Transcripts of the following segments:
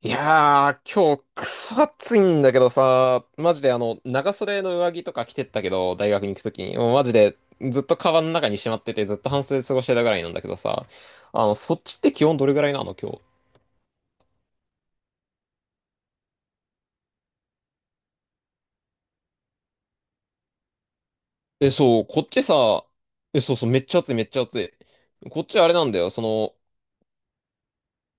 いやー、今日、くそ暑いんだけどさ、マジで長袖の上着とか着てったけど、大学に行くときに、もうマジで、ずっとカバンの中にしまってて、ずっと半袖で過ごしてたぐらいなんだけどさ、そっちって気温どれぐらいなの、今日。え、そう、こっちさ、え、そうそう、めっちゃ暑い、めっちゃ暑い。こっちあれなんだよ、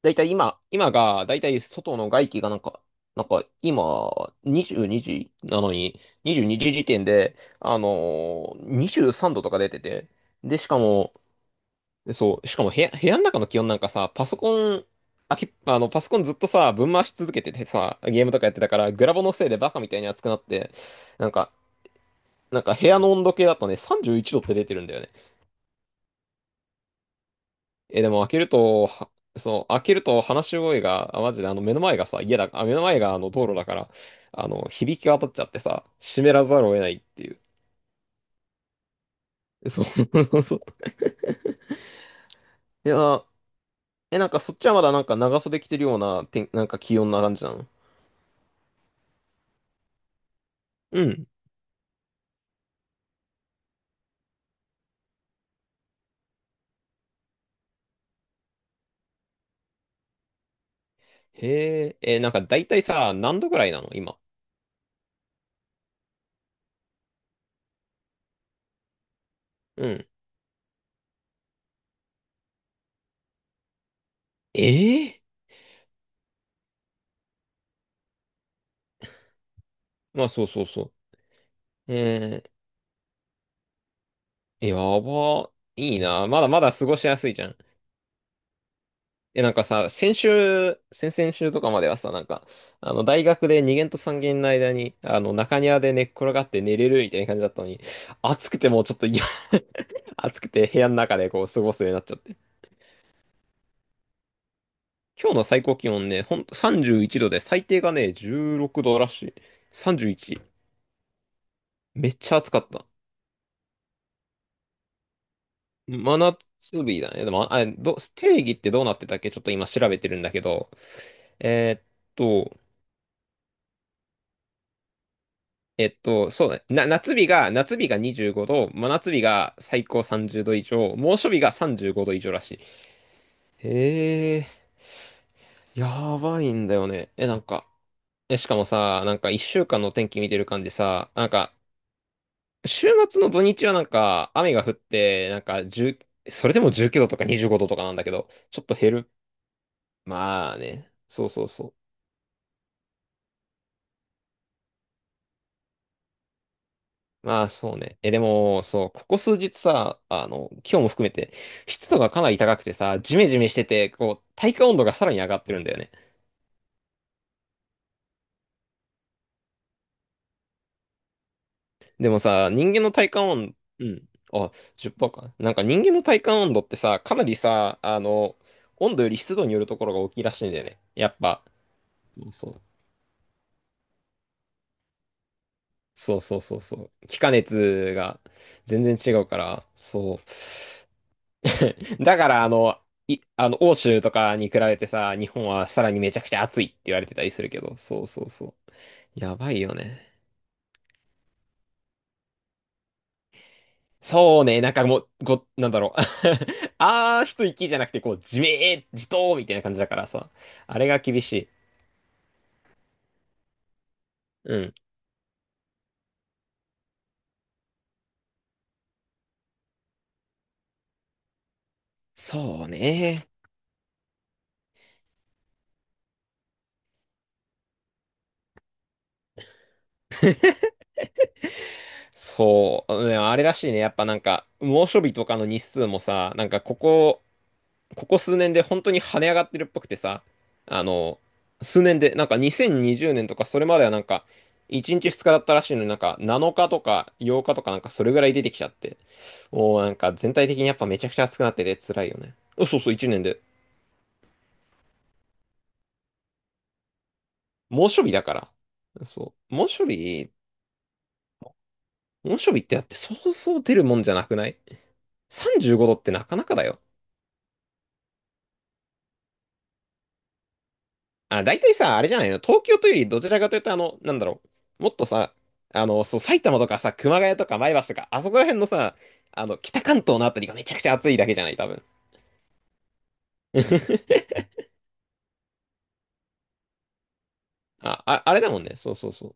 だいたい今、だいたい外の外気がなんか、今、22時なのに、22時時点で、23度とか出てて、で、しかも、そう。しかも部屋の中の気温なんかさ、パソコンずっとさ、ぶん回し続けててさ、ゲームとかやってたから、グラボのせいでバカみたいに熱くなって、なんか、なんか部屋の温度計だとね、31度って出てるんだよね。え、でも開けると、そう、開けると話し声が、あ、マジであの目の前がさ、家だ、あ、目の前があの道路だから、響き渡っちゃってさ、湿らざるを得ないっていう。そう。そういや、え、なんかそっちはまだなんか長袖着てるような、なんか気温な感じなの？うん、へえ、なんか大体さ、何度ぐらいなの今。うん。ええ、まあそうそうそう。やば。いいな。まだまだ過ごしやすいじゃん。え、なんかさ、先週、先々週とかまではさ、なんか、大学で2限と3限の間に、中庭で寝っ転がって寝れるみたいな感じだったのに、暑くてもうちょっと嫌。 暑くて部屋の中でこう過ごすようになっちゃって。今日の最高気温ね、ほんと31度で、最低がね、16度らしい。31。めっちゃ暑かった。真夏日だね。でも、定義ってどうなってたっけ、ちょっと今調べてるんだけど。えーっと、そうだね。夏日が25度、真夏日が最高30度以上、猛暑日が35度以上らしい。へえ、やばいんだよね。え、なんか、え、しかもさ、なんか1週間の天気見てる感じさ、なんか、週末の土日はなんか雨が降って、なんか1、それでも19度とか25度とかなんだけど、ちょっと減る。まあね、そうそうそう。まあ、そうね。え、でも、そう、ここ数日さ、今日も含めて、湿度がかなり高くてさ、ジメジメしてて、こう、体感温度がさらに上がってるんだよね。でもさ、人間の体感温、うん。あ、10%か。なんか人間の体感温度ってさ、かなりさ、温度より湿度によるところが大きいらしいんだよね。やっぱ。そうそう。そうそうそうそう。気化熱が全然違うから、そう。だから、あの、い、あの、欧州とかに比べてさ、日本はさらにめちゃくちゃ暑いって言われてたりするけど、そうそうそう。やばいよね。そうね、なんかもう、なんだろう。一息じゃなくて、こう、じめー、じとーみたいな感じだからさ、あれが厳しい。うん。そうね。そう。うん、あれらしいね。やっぱなんか、猛暑日とかの日数もさ、なんかここ数年で本当に跳ね上がってるっぽくてさ、あの、数年で、なんか2020年とかそれまではなんか、1日2日だったらしいのになんか7日とか8日とかなんかそれぐらい出てきちゃって、もうなんか全体的にやっぱめちゃくちゃ暑くなってて辛いよね。うん、そうそう、1年で。猛暑日だから。そう。猛暑日ってだってそうそう出るもんじゃなくない？ 35 度ってなかなかだよ。あ、大体さ、あれじゃないの、東京というよりどちらかというと、なんだろう。もっとさ、そう、埼玉とかさ、熊谷とか前橋とか、あそこら辺のさ、北関東のあたりがめちゃくちゃ暑いだけじゃない、多分。あれだもんね。そうそうそ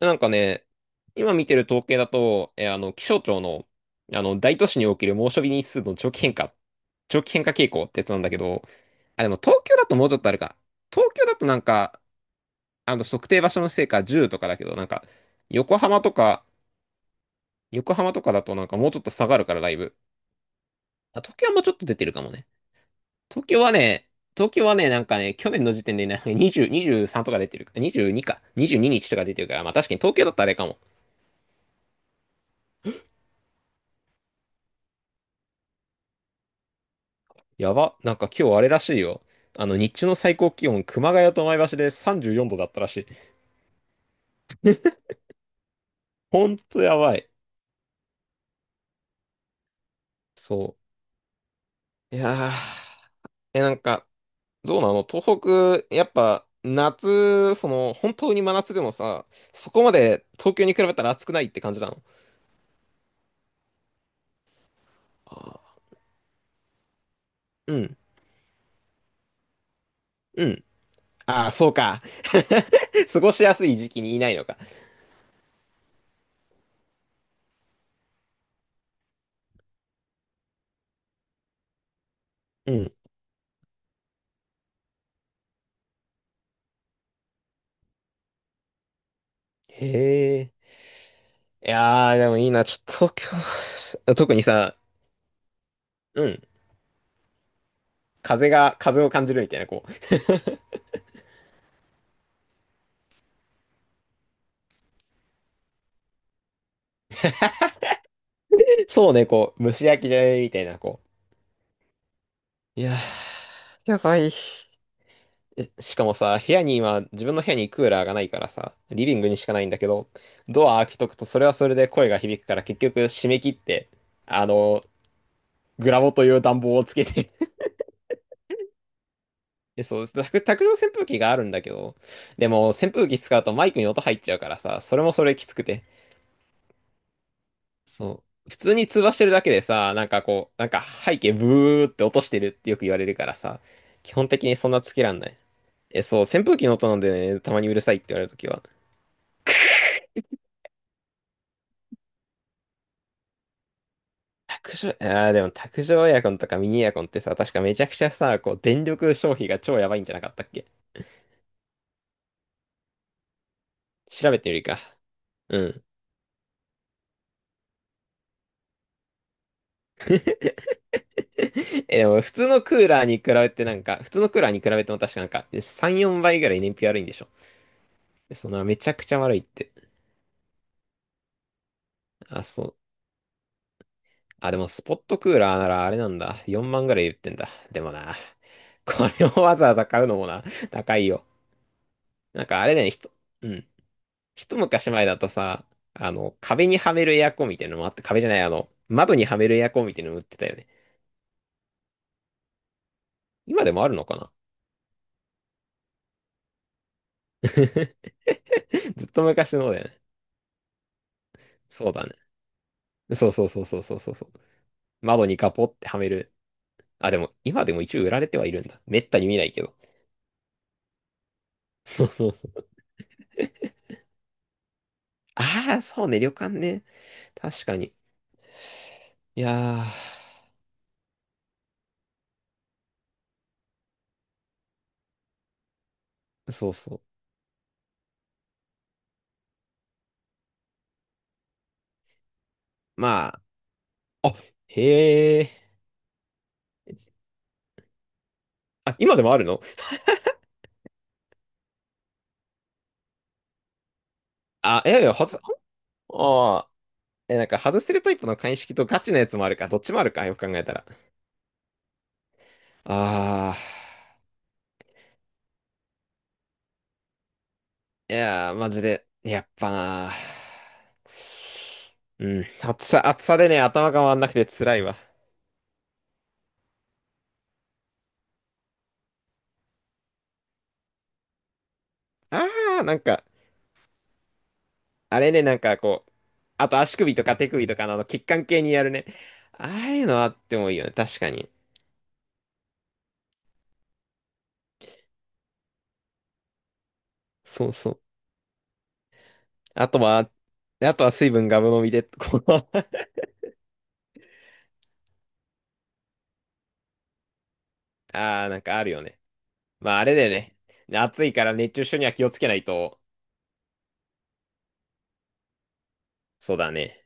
う。なんかね、今見てる統計だと、えあの、気象庁の、大都市における猛暑日日数の長期変化傾向ってやつなんだけど、あ、でも東京だともうちょっとあるか。東京だとなんか、測定場所のせいか10とかだけど、なんか、横浜とか、横浜とか、だとなんかもうちょっと下がるからライブ。あ、東京はもうちょっと出てるかもね、東京はね、東京はね、なんかね、去年の時点でね、20、23とか出てるか、22か、22日とか出てるから、まあ確かに東京だったらあれかも。やば、なんか今日あれらしいよ。日中の最高気温、熊谷と前橋で34度だったらしい。ほんとやばい。そう。いやー、え、なんか、どうなの東北、やっぱ、夏、その、本当に真夏でもさ、そこまで東京に比べたら暑くないって感じなの？あー、うん。うん。ああ、そうか。過ごしやすい時期にいないのか。うん。へえ。いやー、でもいいな。ちょっと今日、特にさ、うん。風を感じるみたいな、こう。そうね、こう、蒸し焼きじゃねみたいな、こう。いやー、野菜。えしかもさ、部屋に今、自分の部屋にクーラーがないからさ、リビングにしかないんだけど、ドア開けとくと、それはそれで声が響くから、結局、締め切って、あの、グラボという暖房をつけて、え、そうです。卓上扇風機があるんだけど、でも扇風機使うとマイクに音入っちゃうからさ、それもそれきつくて。そう。普通に通話してるだけでさ、なんかこう、なんか背景ブーって落としてるってよく言われるからさ、基本的にそんなつけらんない。え、そう、扇風機の音なんでね、たまにうるさいって言われるときは。卓上、あーでも卓上エアコンとかミニエアコンってさ、確かめちゃくちゃさ、こう、電力消費が超やばいんじゃなかったっけ？調べてみるか。うん。え、でも普通のクーラーに比べても確かなんか、3、4倍ぐらい燃費悪いんでしょ。そのめちゃくちゃ悪いって。あ、そう。あ、でもスポットクーラーならあれなんだ。4万ぐらい言ってんだ。でもな、これをわざわざ買うのもな、高いよ。なんかあれだよね、うん。一昔前だとさ、壁にはめるエアコンみたいなのもあって、壁じゃない、窓にはめるエアコンみたいなのも売ってたよね。今でもあるのかな。 ずっと昔のだよね。そうだね。そうそうそうそうそうそう。窓にガポってはめる。あ、でも、今でも一応売られてはいるんだ。めったに見ないけど。そうそうそう。ああ、そうね、旅館ね。確かに。いやー、そうそう。まあ、あ、へえ。あ、今でもあるの？あ、いやいや、外す、ああ、え、なんか外せるタイプの鑑識とガチのやつもあるか、どっちもあるか、よく考えたら。ああ、いやー、マジで、やっぱなー。うん、暑さでね、頭が回んなくて辛いわ。ああ、なんか、あれね、なんかこう、あと足首とか手首とかのあの血管系にやるね。ああいうのあってもいいよね、確かに。そうそう。あとは、あとは水分ガブ飲みで、この。 ああ、なんかあるよね。まあ、あれだよね。暑いから熱中症には気をつけないと。そうだね。